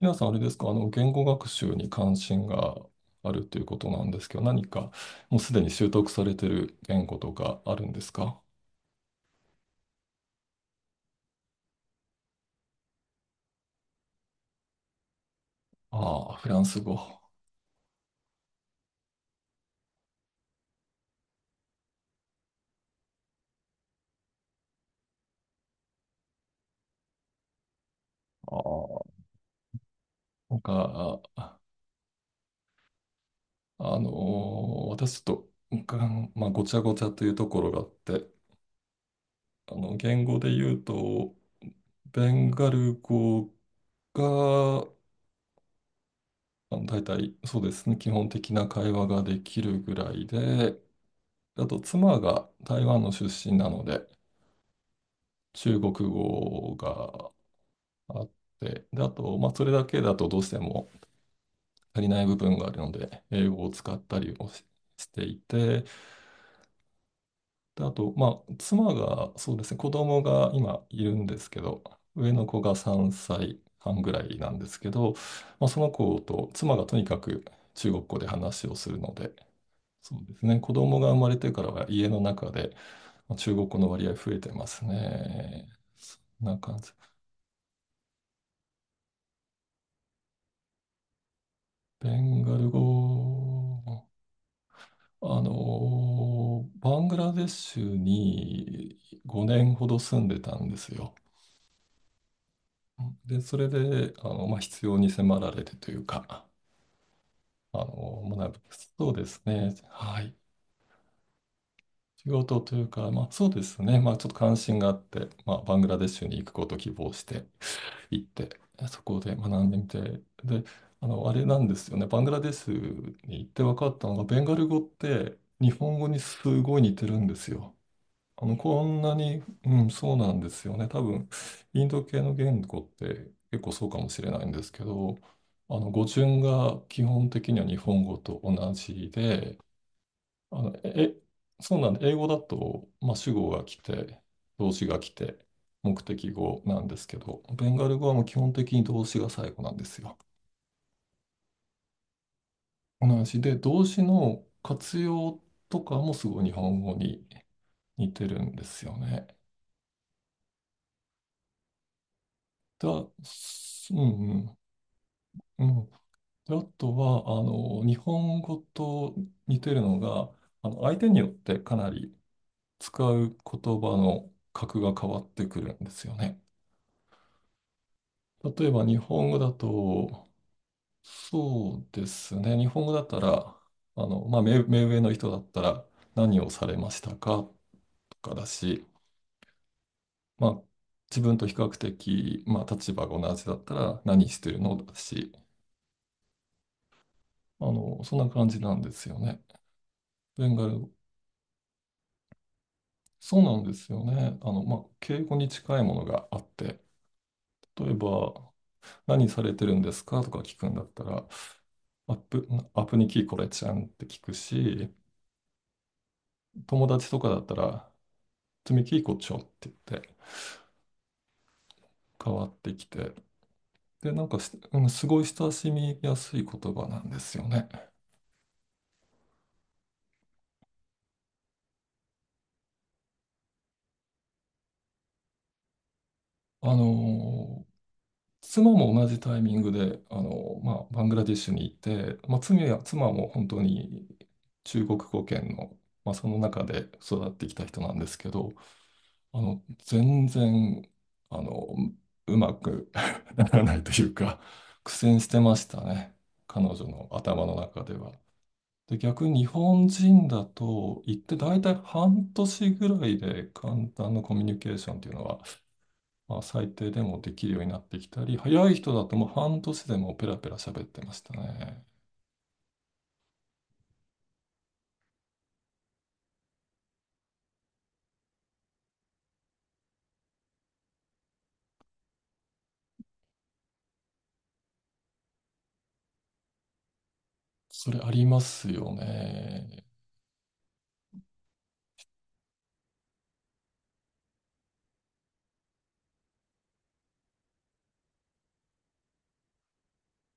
皆さん、あれですか？言語学習に関心があるということなんですけど、何かもうすでに習得されてる言語とかあるんですか？ああ、フランス語。ああ、なんか、あ、あのー私ちょっと、うん、まあ、ごちゃごちゃというところがあって、言語で言うと、ベンガル語が、大体そうですね、基本的な会話ができるぐらいで、あと妻が台湾の出身なので、中国語があって、で、あと、まあ、それだけだとどうしても足りない部分があるので、英語を使ったりをしていて、で、あと、まあ、妻が、そうですね、子供が今いるんですけど、上の子が3歳半ぐらいなんですけど、まあ、その子と妻がとにかく中国語で話をするので、そうですね、子供が生まれてからは家の中でまあ中国語の割合増えてますね。そんな感じ。ベンガル語、バングラデシュに5年ほど住んでたんですよ。で、それで、まあ、必要に迫られてというか、学ぶ。そうですね。はい。仕事というか、まあ、そうですね。まあ、ちょっと関心があって、まあ、バングラデシュに行くことを希望して、行って、そこで学んでみて、で、あれなんですよね、バングラデシュに行って分かったのが、ベンガル語って日本語にすごい似てるんですよ。こんなに、うん、そうなんですよね。多分、インド系の言語って結構そうかもしれないんですけど、語順が基本的には日本語と同じで、あの、え、そうなんで、英語だと、まあ、主語が来て、動詞が来て、目的語なんですけど、ベンガル語はもう基本的に動詞が最後なんですよ。同じで、動詞の活用とかもすごい日本語に似てるんですよね。だ、あすうんうん、うん。で、あとは、日本語と似てるのが、相手によってかなり使う言葉の格が変わってくるんですよね。例えば日本語だと、そうですね、日本語だったら、まあ、目上の人だったら、何をされましたかとかだし、まあ、自分と比較的、まあ、立場が同じだったら、何してるのだし、そんな感じなんですよね。ベンガル、そうなんですよね。まあ、敬語に近いものがあって、例えば、何されてるんですかとか聞くんだったら、アップ、アップにキーコちゃんって聞くし、友達とかだったら、積み木こちょって言って変わってきて、で、すごい親しみやすい言葉なんですよね。あのー妻も同じタイミングで、まあ、バングラディッシュに行って、まあ、妻も本当に中国語圏の、まあ、その中で育ってきた人なんですけど、全然、あの、うまく ならないというか、苦戦してましたね。彼女の頭の中では。で、逆に日本人だと、行って大体半年ぐらいで簡単なコミュニケーションっていうのは、まあ、最低でもできるようになってきたり、早い人だともう半年でもうペラペラ喋ってましたね。それありますよね。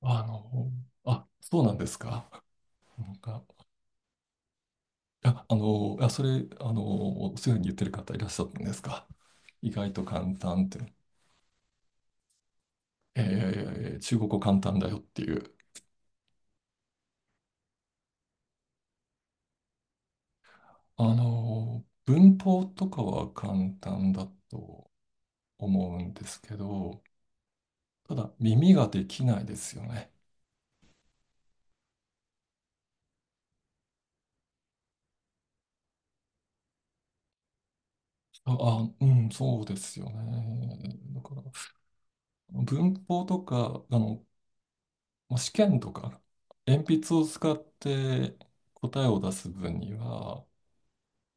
あの、あ、そうなんですか。なんか、あ、あの、あ、それ、あの、そういうふうに言ってる方いらっしゃったんですか？意外と簡単って。中国語簡単だよっていう。文法とかは簡単だと思うんですけど、ただ耳ができないですよね。あ、うん、そうですよね。だから、文法とか、まあ試験とか、鉛筆を使って答えを出す分には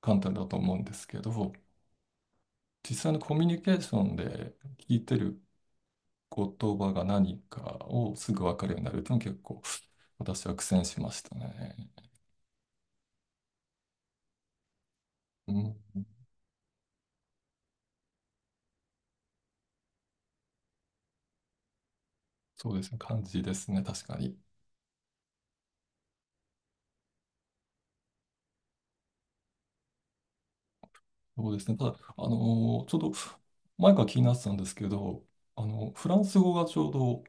簡単だと思うんですけど、実際のコミュニケーションで聞いてる言葉が何かをすぐ分かるようになるというのは結構私は苦戦しましたね。うん、そうですね、感じですね、確かに。そうですね、ただ、ちょっと前から気になってたんですけど、フランス語がちょうど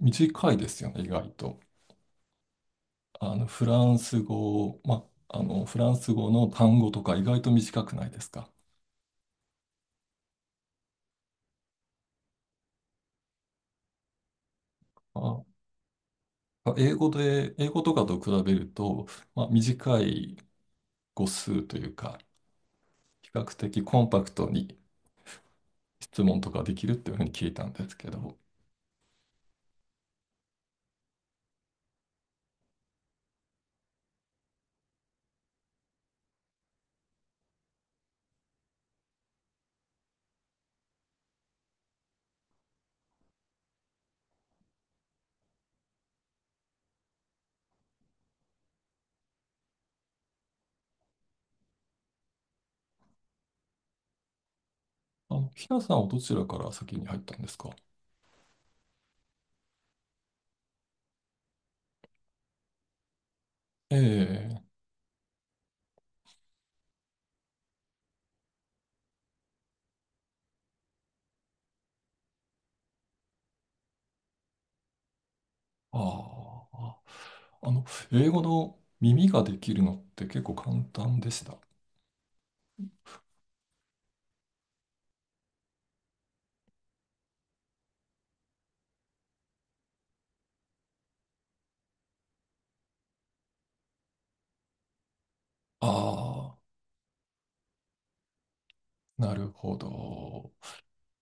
短いですよね、意外と。フランス語の単語とか意外と短くないですか？あ、英語とかと比べると、まあ、短い語数というか、比較的コンパクトに質問とかできるっていうふうに聞いたんですけど、ひなさんはどちらから先に入ったんですか？ええ、ああ、あの、英語の耳ができるのって結構簡単でした？ああ、なるほど。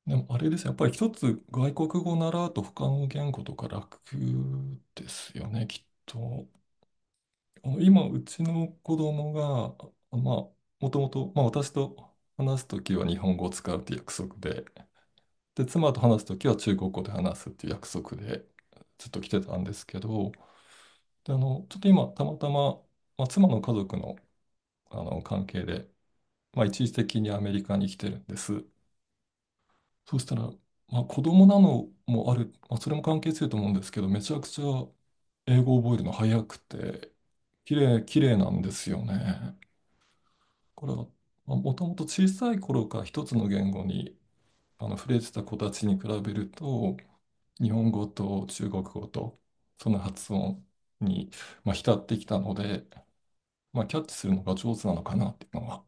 でもあれですね、やっぱり一つ外国語を習うと他の言語とか楽ですよね、きっと。今、うちの子供が、あまあ、もともと、まあ、私と話すときは日本語を使うって約束で、で、妻と話すときは中国語で話すっていう約束でずっと来てたんですけど、で、ちょっと今、たまたま、まあ、妻の家族の、関係で、まあ、一時的にアメリカに来てるんです。そうしたら、まあ、子供なのもある、まあ、それも関係すると思うんですけど、めちゃくちゃ英語を覚えるの早くて、綺麗、綺麗なんですよね。これは、まあ、もともと小さい頃から一つの言語に触れてた子たちに比べると、日本語と中国語と、その発音に、まあ、浸ってきたので、まあ、キャッチするのが上手なのかなっていうのは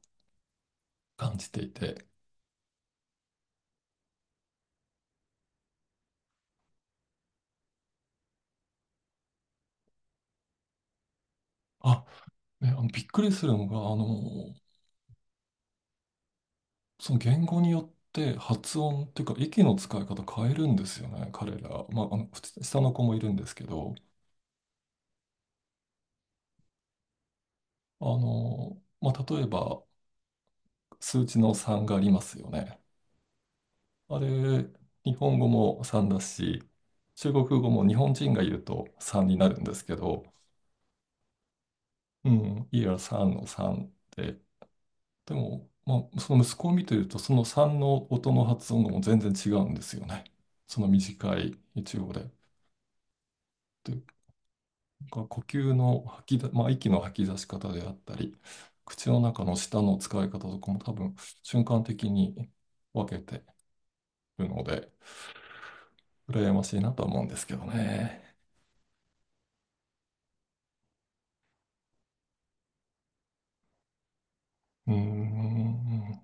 感じていて、あ、ね、びっくりするのが、その言語によって発音っていうか、息の使い方変えるんですよね、彼ら。まあ、普通下の子もいるんですけど、まあ、例えば、数値の3がありますよね。あれ、日本語も3だし、中国語も日本人が言うと3になるんですけど、うん、いや、3の3で、でも、まあ、その息子を見てると、その3の音の発音がもう全然違うんですよね。その短い一音で。というか、呼吸の吐きだ、まあ、息の吐き出し方であったり、口の中の舌の使い方とかも多分瞬間的に分けてるので、羨ましいなとは思うんですけどね。うーん。